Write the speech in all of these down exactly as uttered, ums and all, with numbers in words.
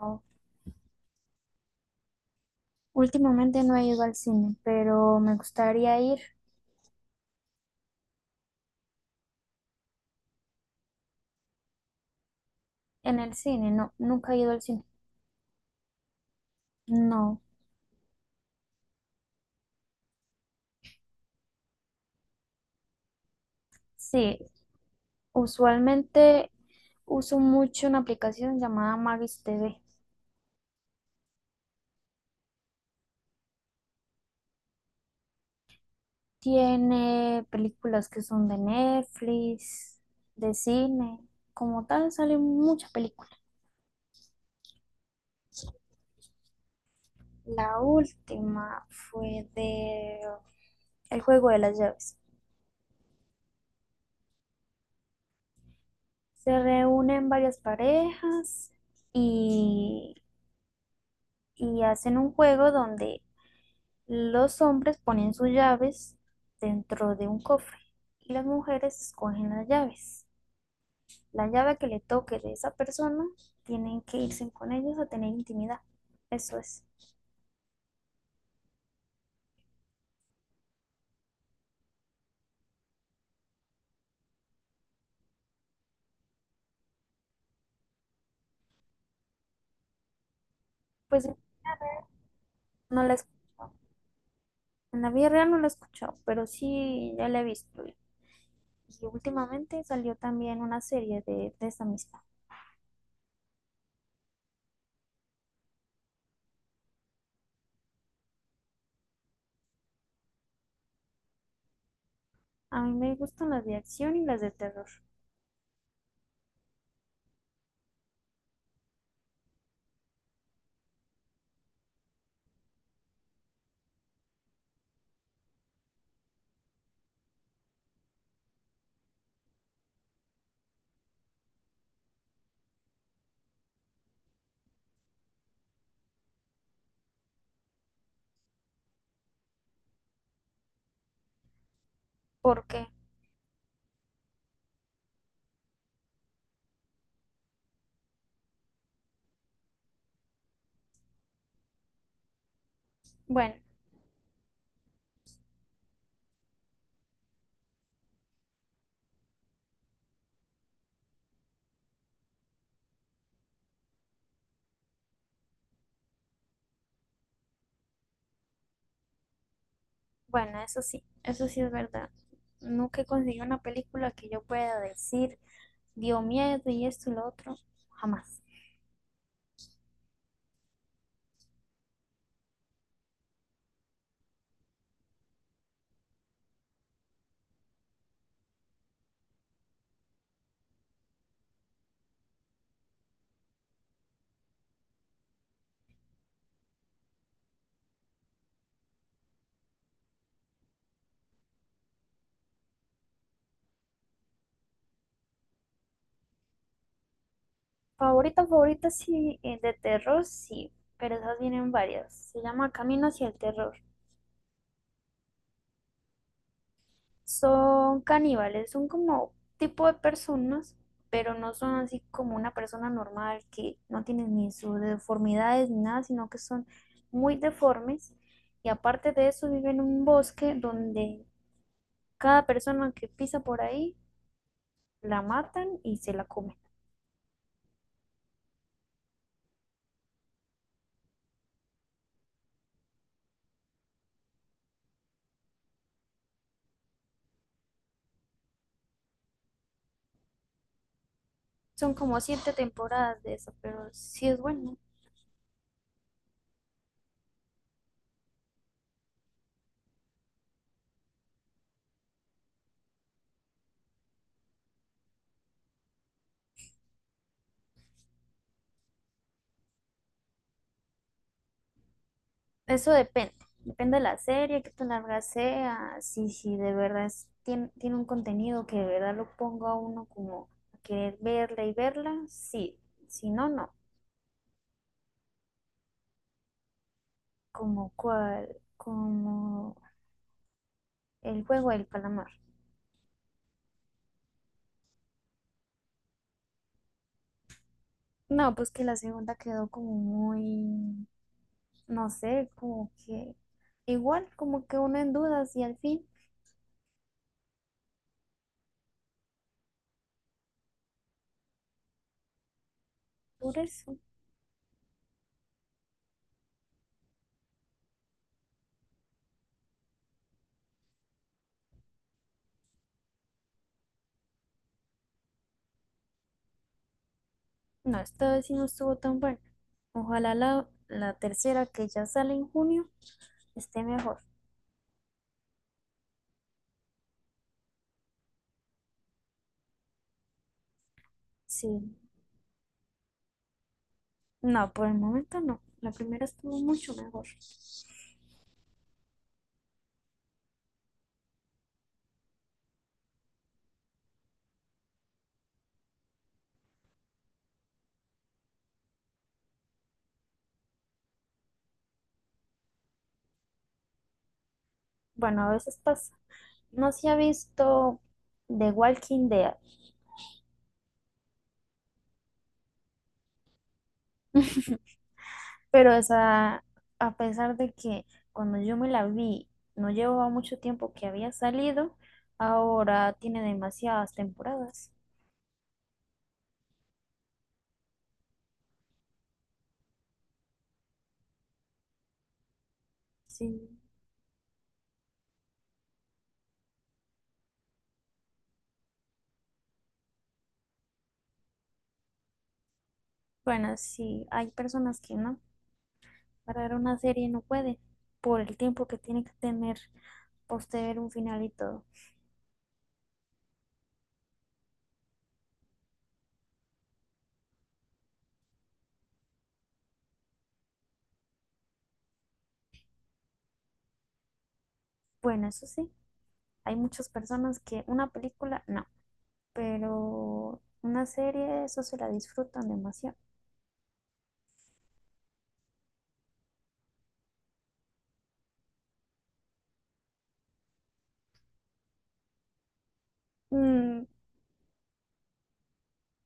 No. Últimamente no he ido al cine, pero me gustaría ir en el cine. No, nunca he ido al cine. No. Sí, usualmente uso mucho una aplicación llamada Magis T V. Tiene películas que son de Netflix, de cine. Como tal, salen muchas películas. La última fue de El juego de las llaves. Se reúnen varias parejas y y hacen un juego donde los hombres ponen sus llaves dentro de un cofre y las mujeres escogen las llaves. La llave que le toque de esa persona, tienen que irse con ellos a tener intimidad. Eso es. Pues no la he escuchado. En la vida real no la he escuchado, pero sí ya la he visto. Y últimamente salió también una serie de, de esa misma. A mí me gustan las de acción y las de terror. ¿Por qué? Bueno, Bueno, eso sí, eso sí es verdad. Nunca he conseguido una película que yo pueda decir, dio miedo y esto y lo otro, jamás. Favorita, favorita, sí, eh, de terror, sí, pero esas vienen varias. Se llama Camino hacia el terror. Son caníbales, son como tipo de personas, pero no son así como una persona normal que no tiene ni sus deformidades ni nada, sino que son muy deformes. Y aparte de eso, viven en un bosque donde cada persona que pisa por ahí la matan y se la comen. Son como siete temporadas de eso, pero sí es bueno. Eso depende. Depende de la serie, qué tan larga sea, si, si de verdad es- tiene, tiene un contenido que de verdad lo ponga a uno como a querer verla y verla, sí. Si no, no. Como cual, como el juego del calamar. No, pues que la segunda quedó como muy, no sé, como que igual, como que uno en dudas y al fin. Por eso, no, esta vez sí no estuvo tan buena. Ojalá la, la tercera que ya sale en junio esté mejor. Sí, no, por el momento no. La primera estuvo mucho mejor. Bueno, a veces pasa. No se ha visto The Walking Dead, pero esa, a pesar de que cuando yo me la vi, no llevaba mucho tiempo que había salido, ahora tiene demasiadas temporadas. Sí, bueno, sí, hay personas que no, para ver una serie no puede, por el tiempo que tiene que tener posterior un final y todo. Bueno, eso sí, hay muchas personas que una película no, pero una serie eso se la disfrutan demasiado. Mm,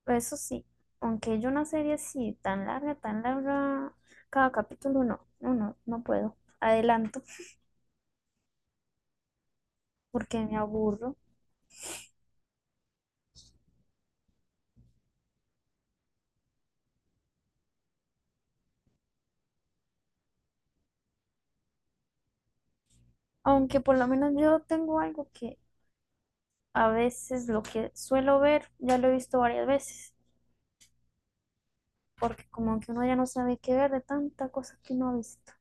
eso sí, aunque yo una serie así tan larga, tan larga, cada capítulo no, no, no, no puedo. Adelanto porque me aburro. Aunque por lo menos yo tengo algo que a veces lo que suelo ver ya lo he visto varias veces, porque como que uno ya no sabe qué ver de tantas cosas que uno ha visto.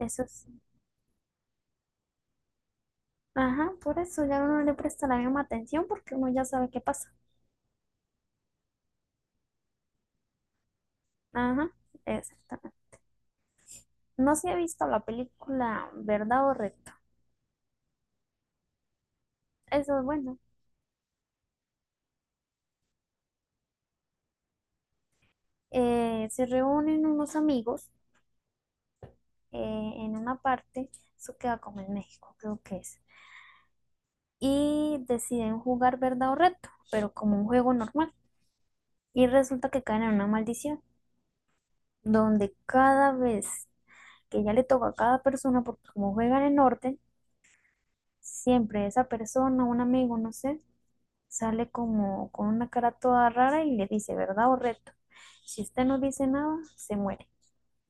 Eso sí. Ajá, por eso ya uno no le presta la misma atención porque uno ya sabe qué pasa. Ajá, exactamente. No se ha visto la película Verdad o Reto. Eso es bueno. Eh, se reúnen unos amigos eh, en una parte, eso queda como en México, creo que es. Y deciden jugar Verdad o Reto, pero como un juego normal. Y resulta que caen en una maldición, donde cada vez que ya le toca a cada persona, porque como juega en el norte, siempre esa persona, un amigo, no sé, sale como con una cara toda rara y le dice verdad o reto. Si usted no dice nada, se muere.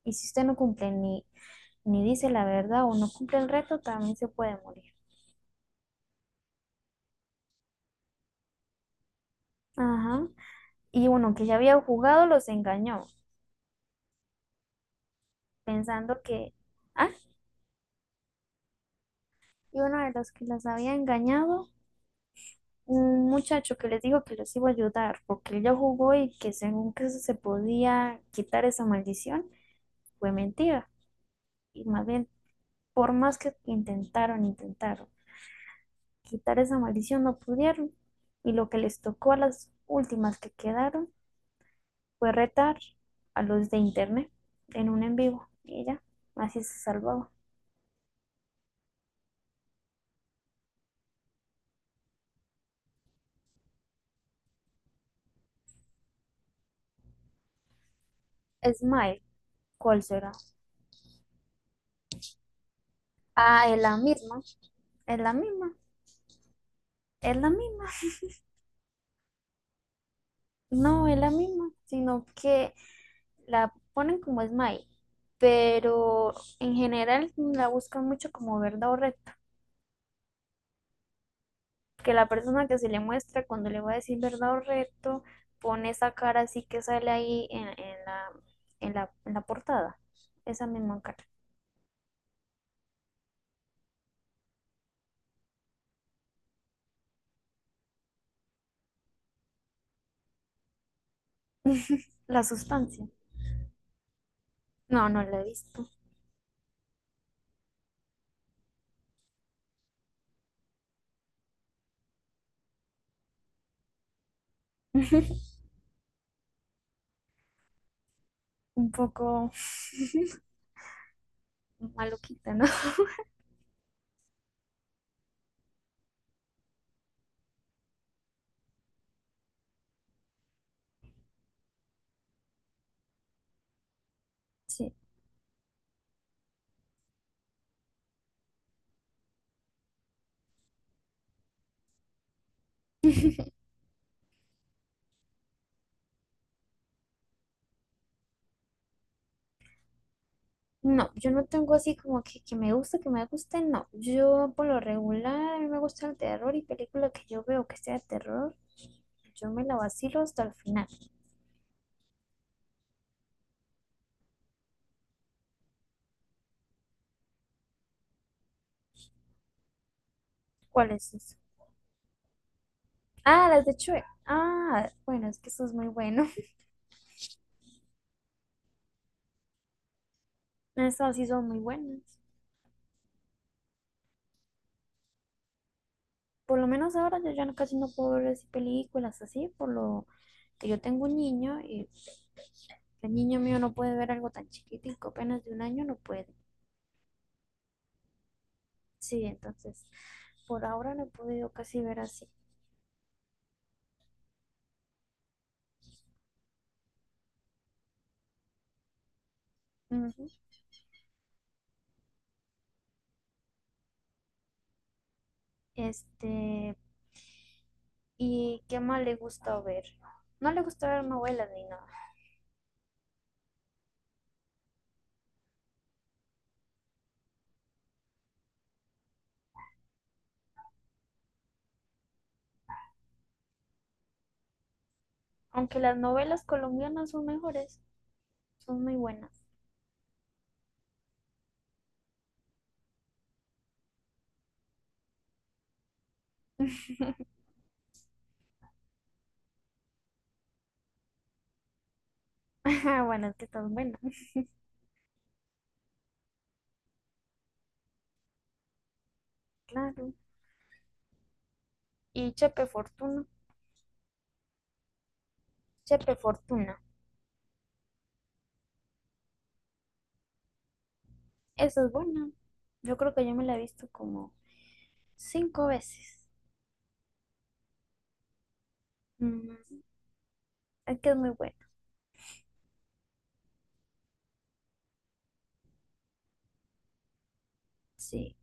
Y si usted no cumple ni, ni dice la verdad o no cumple el reto, también se puede morir. Ajá. Y uno que ya había jugado los engañó, pensando que, ah, y uno de los que los había engañado un muchacho que les dijo que los iba a ayudar porque ella jugó y que según que se podía quitar esa maldición, fue mentira. Y más bien, por más que intentaron, intentaron quitar esa maldición, no pudieron. Y lo que les tocó a las últimas que quedaron fue retar a los de internet en un en vivo. Y ella así se salvaba. Smile, ¿cuál será? Ah, es la misma, es la misma, es la misma. No, es la misma, sino que la ponen como Smile, pero en general la buscan mucho como verdad o reto, que la persona que se le muestra cuando le va a decir verdad o reto pone esa cara así que sale ahí en, en la, en, la, en la portada, esa misma cara. La sustancia. No, no la he visto. Un poco maluquita, ¿no? Sí. No, yo no tengo así como que, que me gusta, que me guste, no. Yo por lo regular me gusta el terror y película que yo veo que sea de terror, yo me la vacilo hasta el final. ¿Cuál es eso? Ah, las de Chue. Ah, bueno, es que eso es muy bueno. Esas sí son muy buenas. Por lo menos ahora yo ya no- casi no puedo ver así películas así, por lo que yo tengo un niño y el niño mío no puede ver algo tan chiquitico, apenas de un año no puede. Sí, entonces por ahora no he podido casi ver así. Ujú. Este, ¿y qué más le gusta ver? No le gusta ver novelas ni nada, aunque las novelas colombianas son mejores, son muy buenas. Bueno, es que están buenas, claro. Y Chepe Fortuna, Chepe Fortuna, esa es buena. Yo creo que yo me la he visto como cinco veces. Mm, es que es muy buena, sí.